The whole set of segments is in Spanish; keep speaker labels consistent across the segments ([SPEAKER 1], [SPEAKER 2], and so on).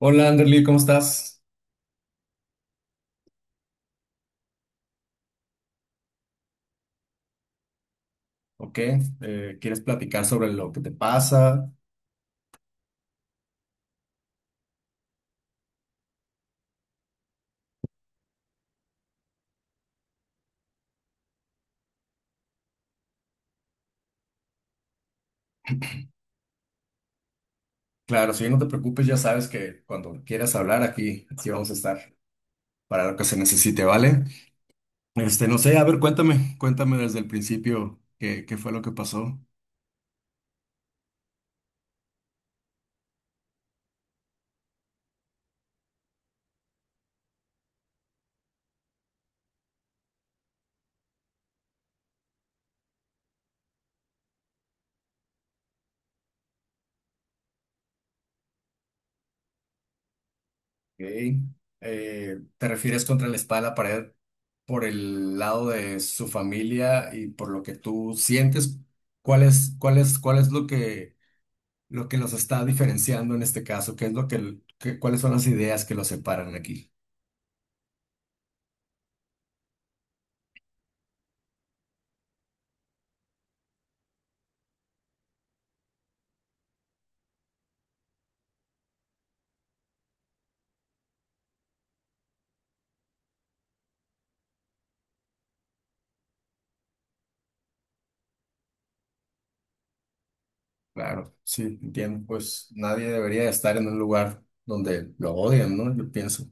[SPEAKER 1] Hola Anderly, ¿cómo estás? Ok, ¿quieres platicar sobre lo que te pasa? Claro, si no te preocupes, ya sabes que cuando quieras hablar aquí vamos a estar para lo que se necesite, ¿vale? Este, no sé, a ver, cuéntame, desde el principio qué fue lo que pasó. Ok, ¿te refieres contra la espada de la pared por el lado de su familia y por lo que tú sientes? ¿Cuál es lo que los está diferenciando en este caso, qué es lo que, cuáles son las ideas que los separan aquí. Claro, sí, entiendo, pues nadie debería estar en un lugar donde lo odian, ¿no? Yo pienso.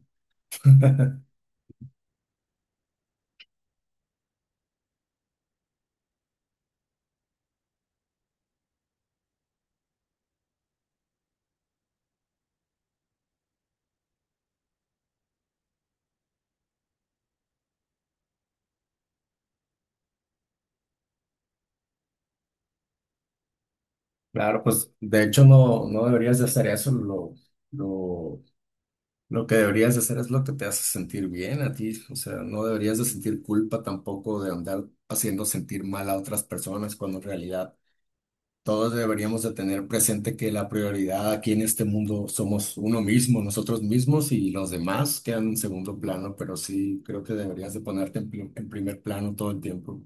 [SPEAKER 1] Claro, pues de hecho no, no deberías de hacer eso, lo, lo que deberías de hacer es lo que te hace sentir bien a ti, o sea, no deberías de sentir culpa tampoco de andar haciendo sentir mal a otras personas cuando en realidad todos deberíamos de tener presente que la prioridad aquí en este mundo somos uno mismo, nosotros mismos y los demás quedan en segundo plano, pero sí creo que deberías de ponerte en, en primer plano todo el tiempo.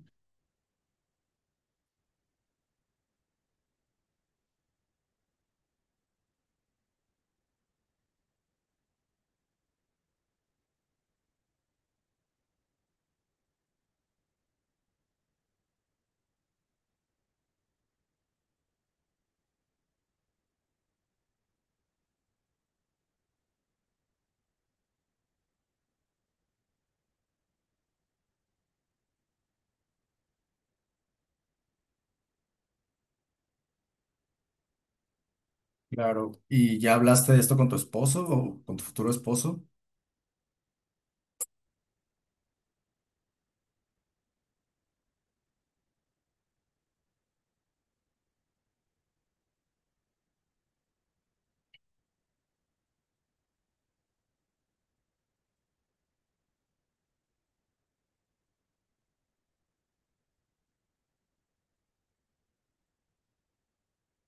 [SPEAKER 1] Claro. ¿Y ya hablaste de esto con tu esposo o con tu futuro esposo?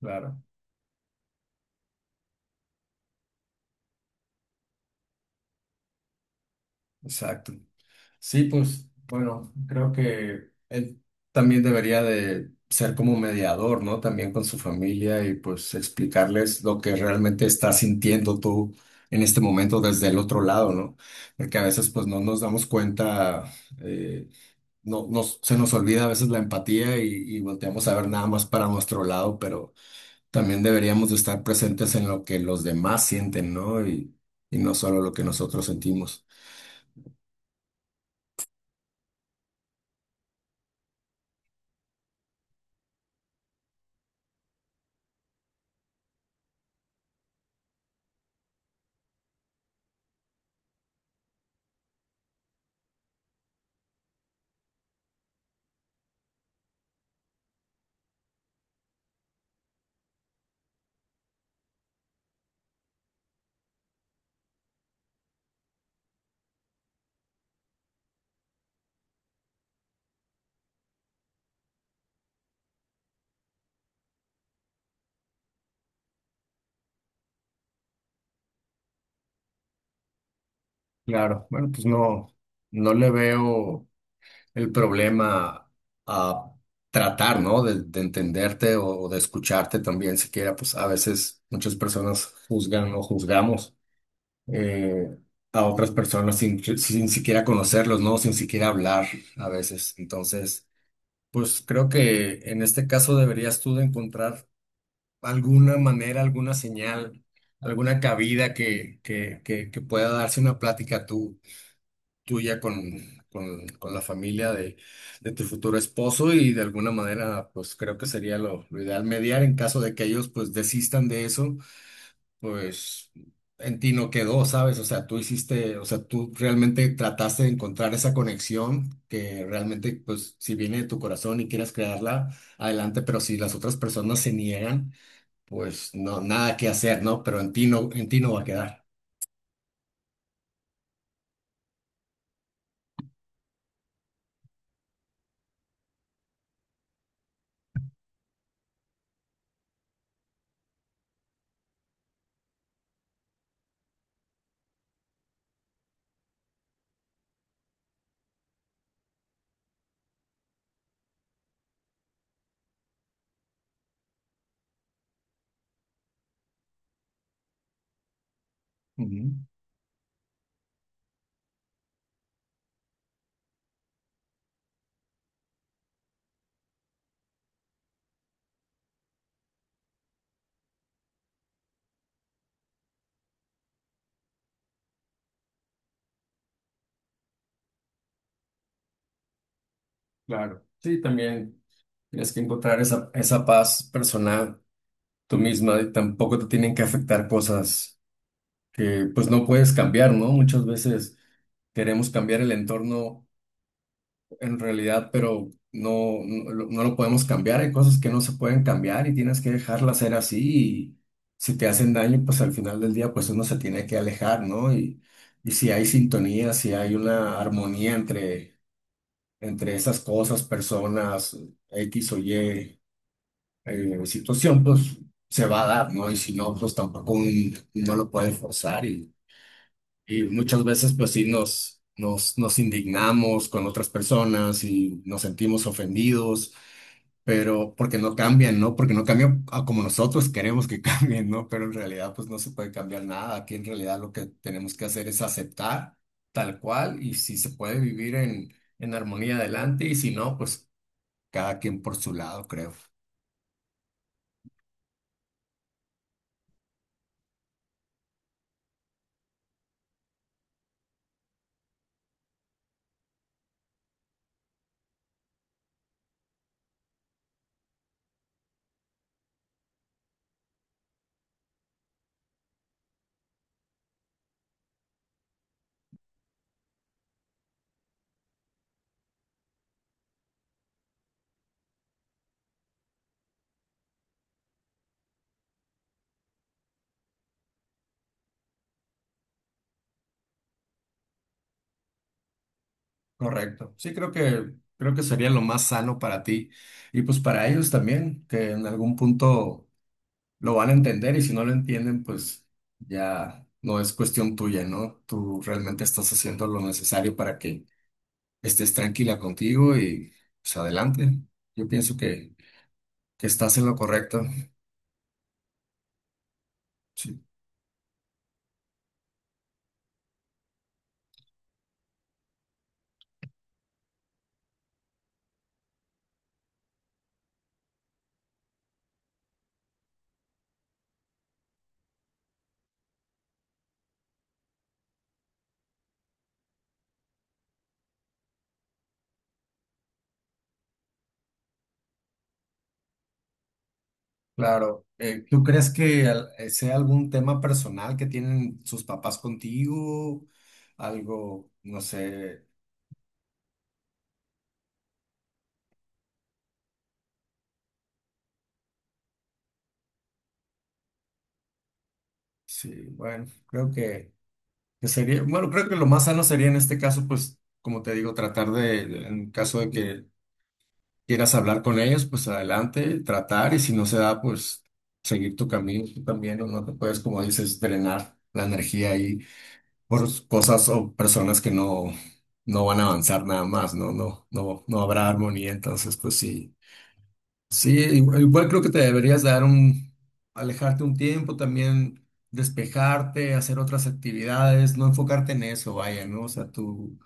[SPEAKER 1] Claro, exacto. Sí, pues bueno, creo que él también debería de ser como mediador, ¿no? También con su familia y pues explicarles lo que realmente estás sintiendo tú en este momento desde el otro lado, ¿no? Porque a veces pues no nos damos cuenta, eh, no, nos, se nos olvida a veces la empatía y volteamos a ver nada más para nuestro lado, pero también deberíamos de estar presentes en lo que los demás sienten, ¿no? Y no solo lo que nosotros sentimos. Claro, bueno, pues no, no le veo el problema a tratar, ¿no? De entenderte o de escucharte también, siquiera, pues a veces muchas personas juzgan o juzgamos eh, a otras personas sin siquiera conocerlos, ¿no? Sin siquiera hablar a veces. Entonces, pues creo que en este caso deberías tú de encontrar alguna manera, alguna señal, alguna cabida que pueda darse una plática tú tuya con la familia de tu futuro esposo y de alguna manera pues creo que sería lo ideal mediar en caso de que ellos pues desistan de eso, pues en ti no quedó, ¿sabes? O sea, tú hiciste, o sea, tú realmente trataste de encontrar esa conexión que realmente pues si viene de tu corazón y quieres crearla, adelante, pero si las otras personas se niegan, pues no, nada que hacer, ¿no? Pero en ti no va a quedar. Ujú. Claro. Sí, también. Tienes que encontrar esa paz personal tú misma y tampoco te tienen que afectar cosas que pues no puedes cambiar, ¿no? Muchas veces queremos cambiar el entorno en realidad, pero no, lo podemos cambiar. Hay cosas que no se pueden cambiar y tienes que dejarlas ser así. Y si te hacen daño, pues al final del día, pues uno se tiene que alejar, ¿no? Y si hay sintonía, si hay una armonía entre esas cosas, personas, X o Y. Situación, pues se va a dar, ¿no? Y si no, pues tampoco no lo pueden forzar y muchas veces pues sí nos indignamos con otras personas y nos sentimos ofendidos, pero porque no cambian, ¿no? Porque no cambian a como nosotros queremos que cambien, ¿no? Pero en realidad pues no se puede cambiar nada. Aquí en realidad lo que tenemos que hacer es aceptar tal cual y si se puede vivir en armonía adelante y si no, pues cada quien por su lado, creo. Correcto. Sí, creo que sería lo más sano para ti y pues para ellos también, que en algún punto lo van a entender y si no lo entienden, pues ya no es cuestión tuya, ¿no? Tú realmente estás haciendo lo necesario para que estés tranquila contigo y pues adelante. Yo pienso que estás en lo correcto. Sí, claro. ¿Tú crees que sea algún tema personal que tienen sus papás contigo? Algo, no sé. Sí, bueno, que sería, bueno, creo que lo más sano sería en este caso, pues, como te digo, tratar en caso de que quieras hablar con ellos, pues adelante, tratar, y si no se da, pues seguir tu camino, tú también, ¿no? No te puedes, como dices, drenar la energía ahí por cosas o personas que no, no van a avanzar nada más, ¿no? No habrá armonía, entonces, pues sí. Sí, igual creo que te deberías dar un, alejarte un tiempo, también despejarte, hacer otras actividades, no enfocarte en eso, vaya, ¿no? O sea,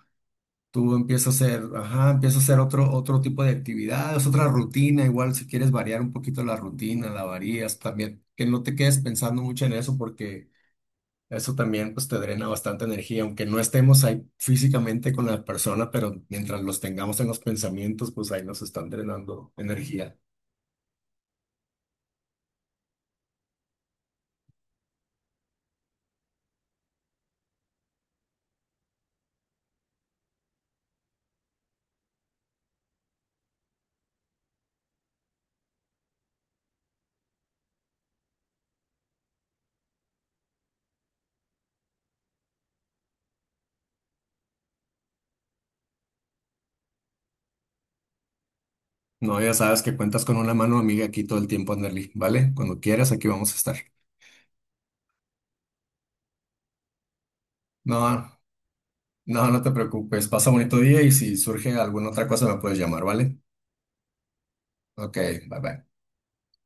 [SPEAKER 1] tú empiezas a hacer, ajá, empiezas a hacer otro tipo de actividades, otra rutina, igual si quieres variar un poquito la rutina, la varías también, que no te quedes pensando mucho en eso porque eso también pues te drena bastante energía, aunque no estemos ahí físicamente con la persona, pero mientras los tengamos en los pensamientos, pues ahí nos están drenando energía. No, ya sabes que cuentas con una mano amiga aquí todo el tiempo, Anderly, ¿vale? Cuando quieras, aquí vamos a estar. No, no te preocupes. Pasa bonito día y si surge alguna otra cosa me puedes llamar, ¿vale? Ok, bye bye.